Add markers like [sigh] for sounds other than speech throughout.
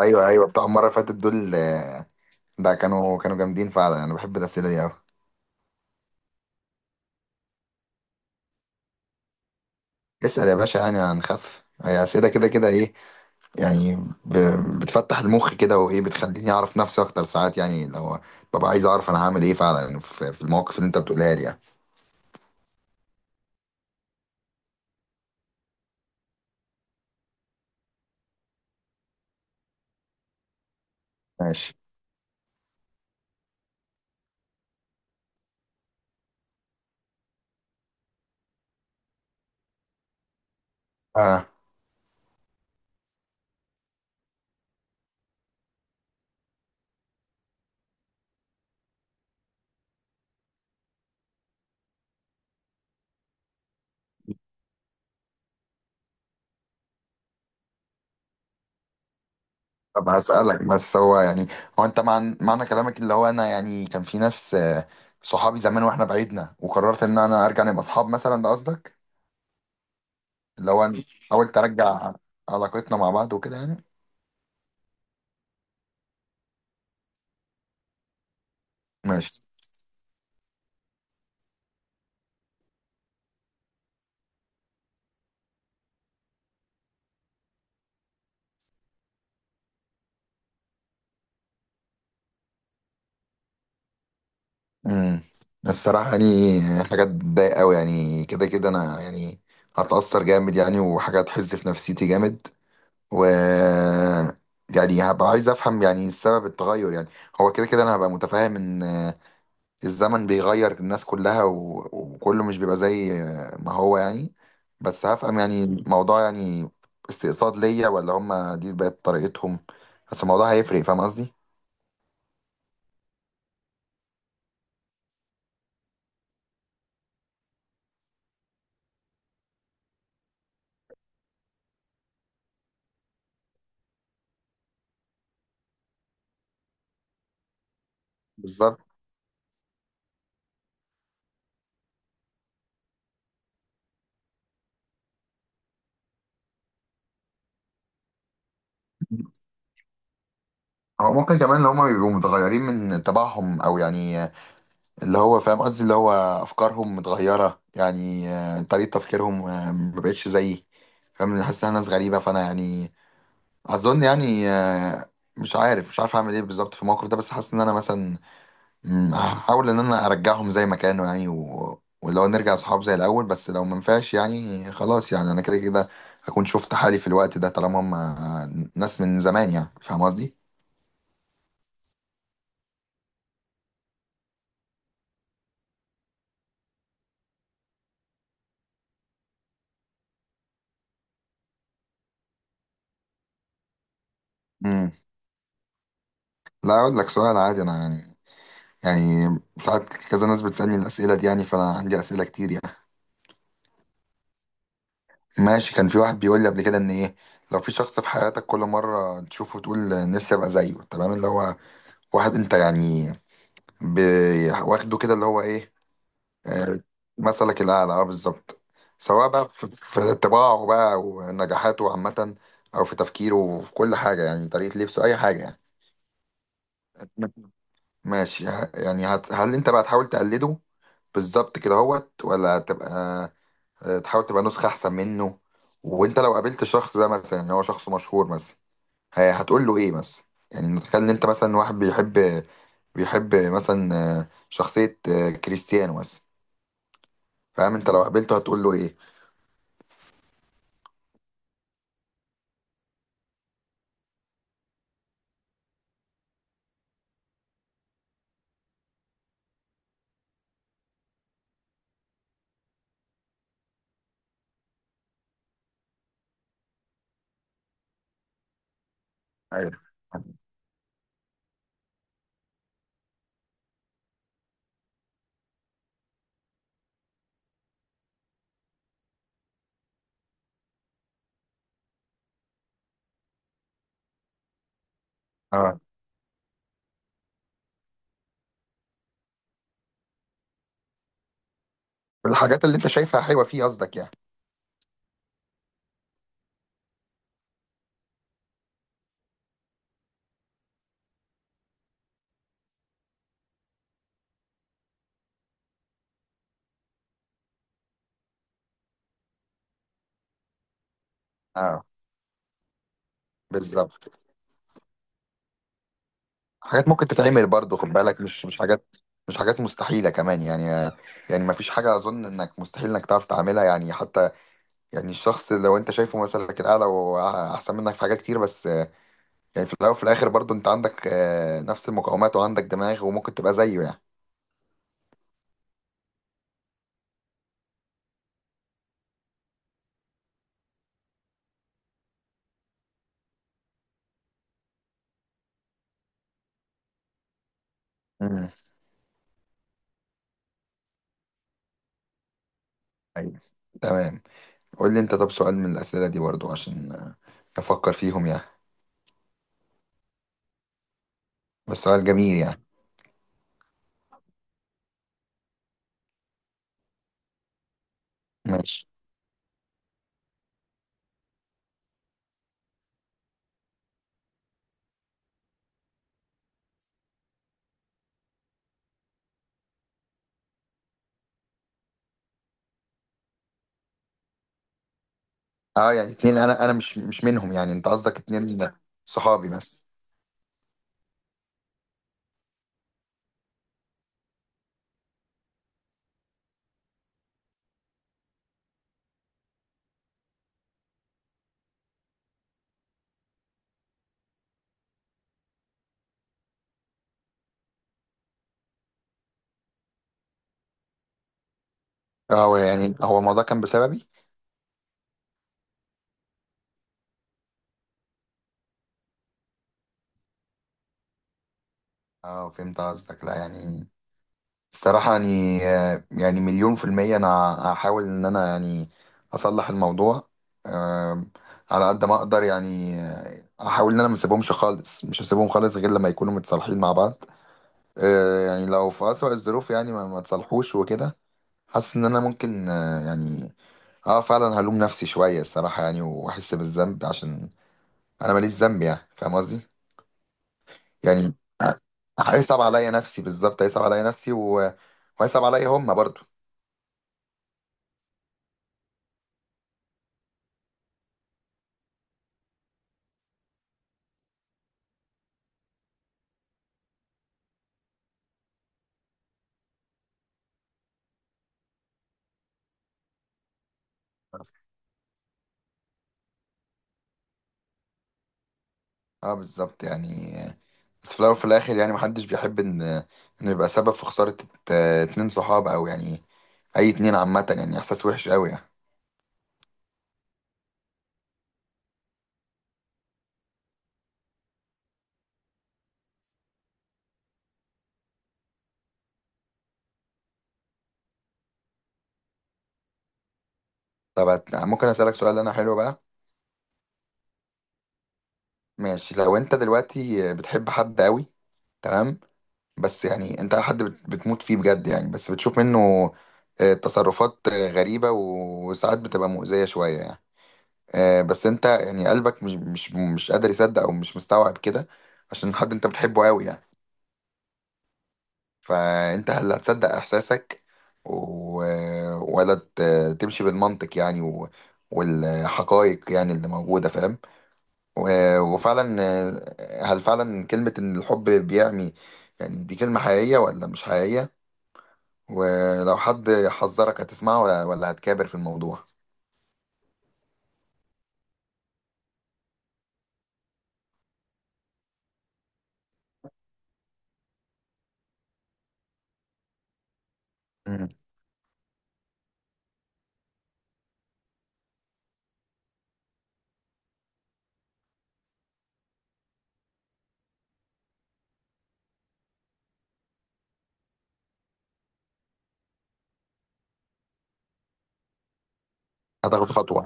ايوه ايوه بتاع المره اللي فاتت دول، ده كانوا جامدين فعلا، انا بحب الاسئله دي قوي. اسال يا باشا، يعني هنخف، هي اسئله كده كده ايه يعني؟ ب... بتفتح المخ كده، وايه بتخليني اعرف نفسي اكتر، ساعات يعني لو ببقى عايز اعرف انا هعمل ايه فعلا في المواقف اللي انت بتقولها لي يعني. ماشي آه. طب هسألك، بس هو يعني، هو انت معنى كلامك اللي هو انا يعني كان في ناس، صحابي زمان واحنا بعيدنا وقررت ان انا ارجع نبقى اصحاب مثلا، ده قصدك؟ اللي هو أنا حاولت ارجع علاقتنا مع بعض وكده يعني. ماشي. امم الصراحة يعني حاجات بتضايق قوي يعني، كده كده أنا يعني هتأثر جامد يعني، وحاجة هتحز في نفسيتي جامد. و يعني هبقى عايز أفهم يعني سبب التغير يعني. هو كده كده أنا هبقى متفاهم إن الزمن بيغير الناس كلها وكله مش بيبقى زي ما هو يعني. بس هفهم يعني الموضوع يعني، استقصاد ليا ولا هما دي بقت طريقتهم؟ بس الموضوع هيفرق، فاهم قصدي؟ بالظبط. هو ممكن كمان اللي هما بيبقوا متغيرين من طباعهم، او يعني اللي هو فاهم قصدي، اللي هو افكارهم متغيره يعني، طريقه تفكيرهم ما بقتش زيي، فاهم؟ أنا حاسس انها ناس غريبه، فانا يعني اظن يعني مش عارف اعمل ايه بالظبط في الموقف ده، بس حاسس ان انا مثلا هحاول ان انا ارجعهم زي ما كانوا يعني، ولو نرجع صحاب زي الاول، بس لو ما ينفعش يعني خلاص، يعني انا كده كده هكون شفت حالي في الوقت ده، طالما هم ناس من زمان، يعني فاهم قصدي؟ لا اقول لك سؤال عادي انا يعني، يعني ساعات كذا ناس بتسالني الاسئله دي يعني، فانا عندي اسئله كتير يعني. ماشي. كان في واحد بيقول لي قبل كده ان ايه، لو في شخص في حياتك كل مره تشوفه تقول نفسي ابقى زيه، تمام، اللي هو واحد انت يعني واخده كده اللي هو ايه. آه، مثلك الاعلى، اه بالظبط. سواء بقى في طباعه بقى ونجاحاته عامه، او في تفكيره وفي كل حاجه يعني، طريقه لبسه اي حاجه يعني. ماشي. هل انت بقى تحاول تقلده بالظبط كده هوت، ولا تبقى تحاول تبقى نسخة أحسن منه؟ وأنت لو قابلت الشخص ده مثلا إن هو شخص مشهور مثلا، هتقول له إيه مثلا؟ يعني نتخيل إن أنت مثلا واحد بيحب، مثلا شخصية كريستيانو مثلا. فاهم أنت لو قابلته هتقول له إيه؟ ايوه اه. الحاجات اللي أنت شايفها حلوة فيه قصدك يعني؟ اه بالظبط. حاجات ممكن تتعمل برضه، خد بالك مش مش حاجات مستحيلة كمان، يعني يعني مفيش حاجة أظن إنك مستحيل إنك تعرف تعملها يعني حتى، يعني الشخص لو انت شايفه مثلك الاعلى واحسن منك في حاجات كتير، بس يعني في الاول وفي الاخر برضو انت عندك نفس المقاومات وعندك دماغ وممكن تبقى زيه يعني. امم ايوه تمام. قول لي انت، طب سؤال من الاسئله دي برضو عشان افكر فيهم يعني. بس سؤال جميل يعني. ماشي. اه يعني اتنين، انا مش منهم يعني؟ انت قصدك اتنين صحابي بس؟ اه. هو يعني، هو الموضوع كان بسببي؟ اه فهمت قصدك. لا يعني الصراحة يعني مليون في المية أنا هحاول إن أنا يعني أصلح الموضوع، أم، على قد ما أقدر يعني، أحاول إن أنا ما أسيبهمش خالص، مش هسيبهم خالص غير لما يكونوا متصالحين مع بعض. أه، يعني لو في أسوأ الظروف يعني ما تصالحوش وكده، حاسس إن أنا ممكن أه، يعني أه فعلا هلوم نفسي شوية الصراحة يعني، وأحس بالذنب عشان أنا ماليش ذنب، يعني فاهم قصدي؟ يعني هيصعب عليا نفسي بالظبط، هيصعب عليا نفسي وهيصعب عليا هما برضه. اه بالظبط يعني. بس في الاول وفي الاخر يعني محدش بيحب ان انه يبقى سبب في خسارة اتنين صحابه، او يعني اي اتنين عامة، يعني احساس وحش قوي يعني. طب ممكن اسألك سؤال انا حلو بقى؟ ماشي. لو انت دلوقتي بتحب حد قوي، تمام، بس يعني انت حد بتموت فيه بجد يعني، بس بتشوف منه تصرفات غريبة وساعات بتبقى مؤذية شوية يعني، بس انت يعني قلبك مش قادر يصدق او مش مستوعب كده عشان حد انت بتحبه قوي يعني. فانت اللي هتصدق احساسك، و... ولا تمشي بالمنطق يعني والحقائق يعني اللي موجودة، فاهم؟ و... وفعلا هل فعلا كلمة ان الحب بيعمي يعني دي كلمة حقيقية ولا مش حقيقية؟ ولو حد حذرك هتسمعه ولا هتكابر في الموضوع؟ مم. هتاخد خطوة؟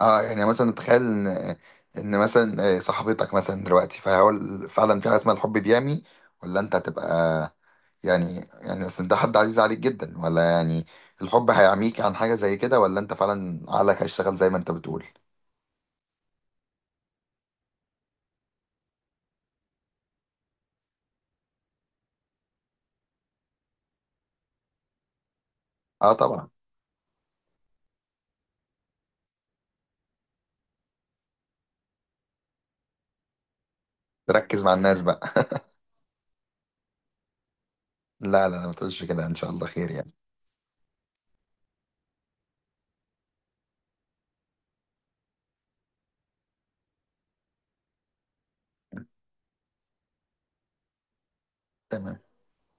اه يعني مثلا تخيل ان مثلا صاحبتك مثلا دلوقتي، فهقول فعلا في حاجه اسمها الحب بيعمي، ولا انت هتبقى، يعني اصل ده حد عزيز عليك جدا، ولا يعني الحب هيعميك عن حاجه زي كده، ولا انت فعلا عقلك هيشتغل زي ما انت بتقول؟ اه طبعا. تركز مع الناس بقى. [laughs] لا لا ما تقولش كده، ان شاء الله خير يعني. تمام.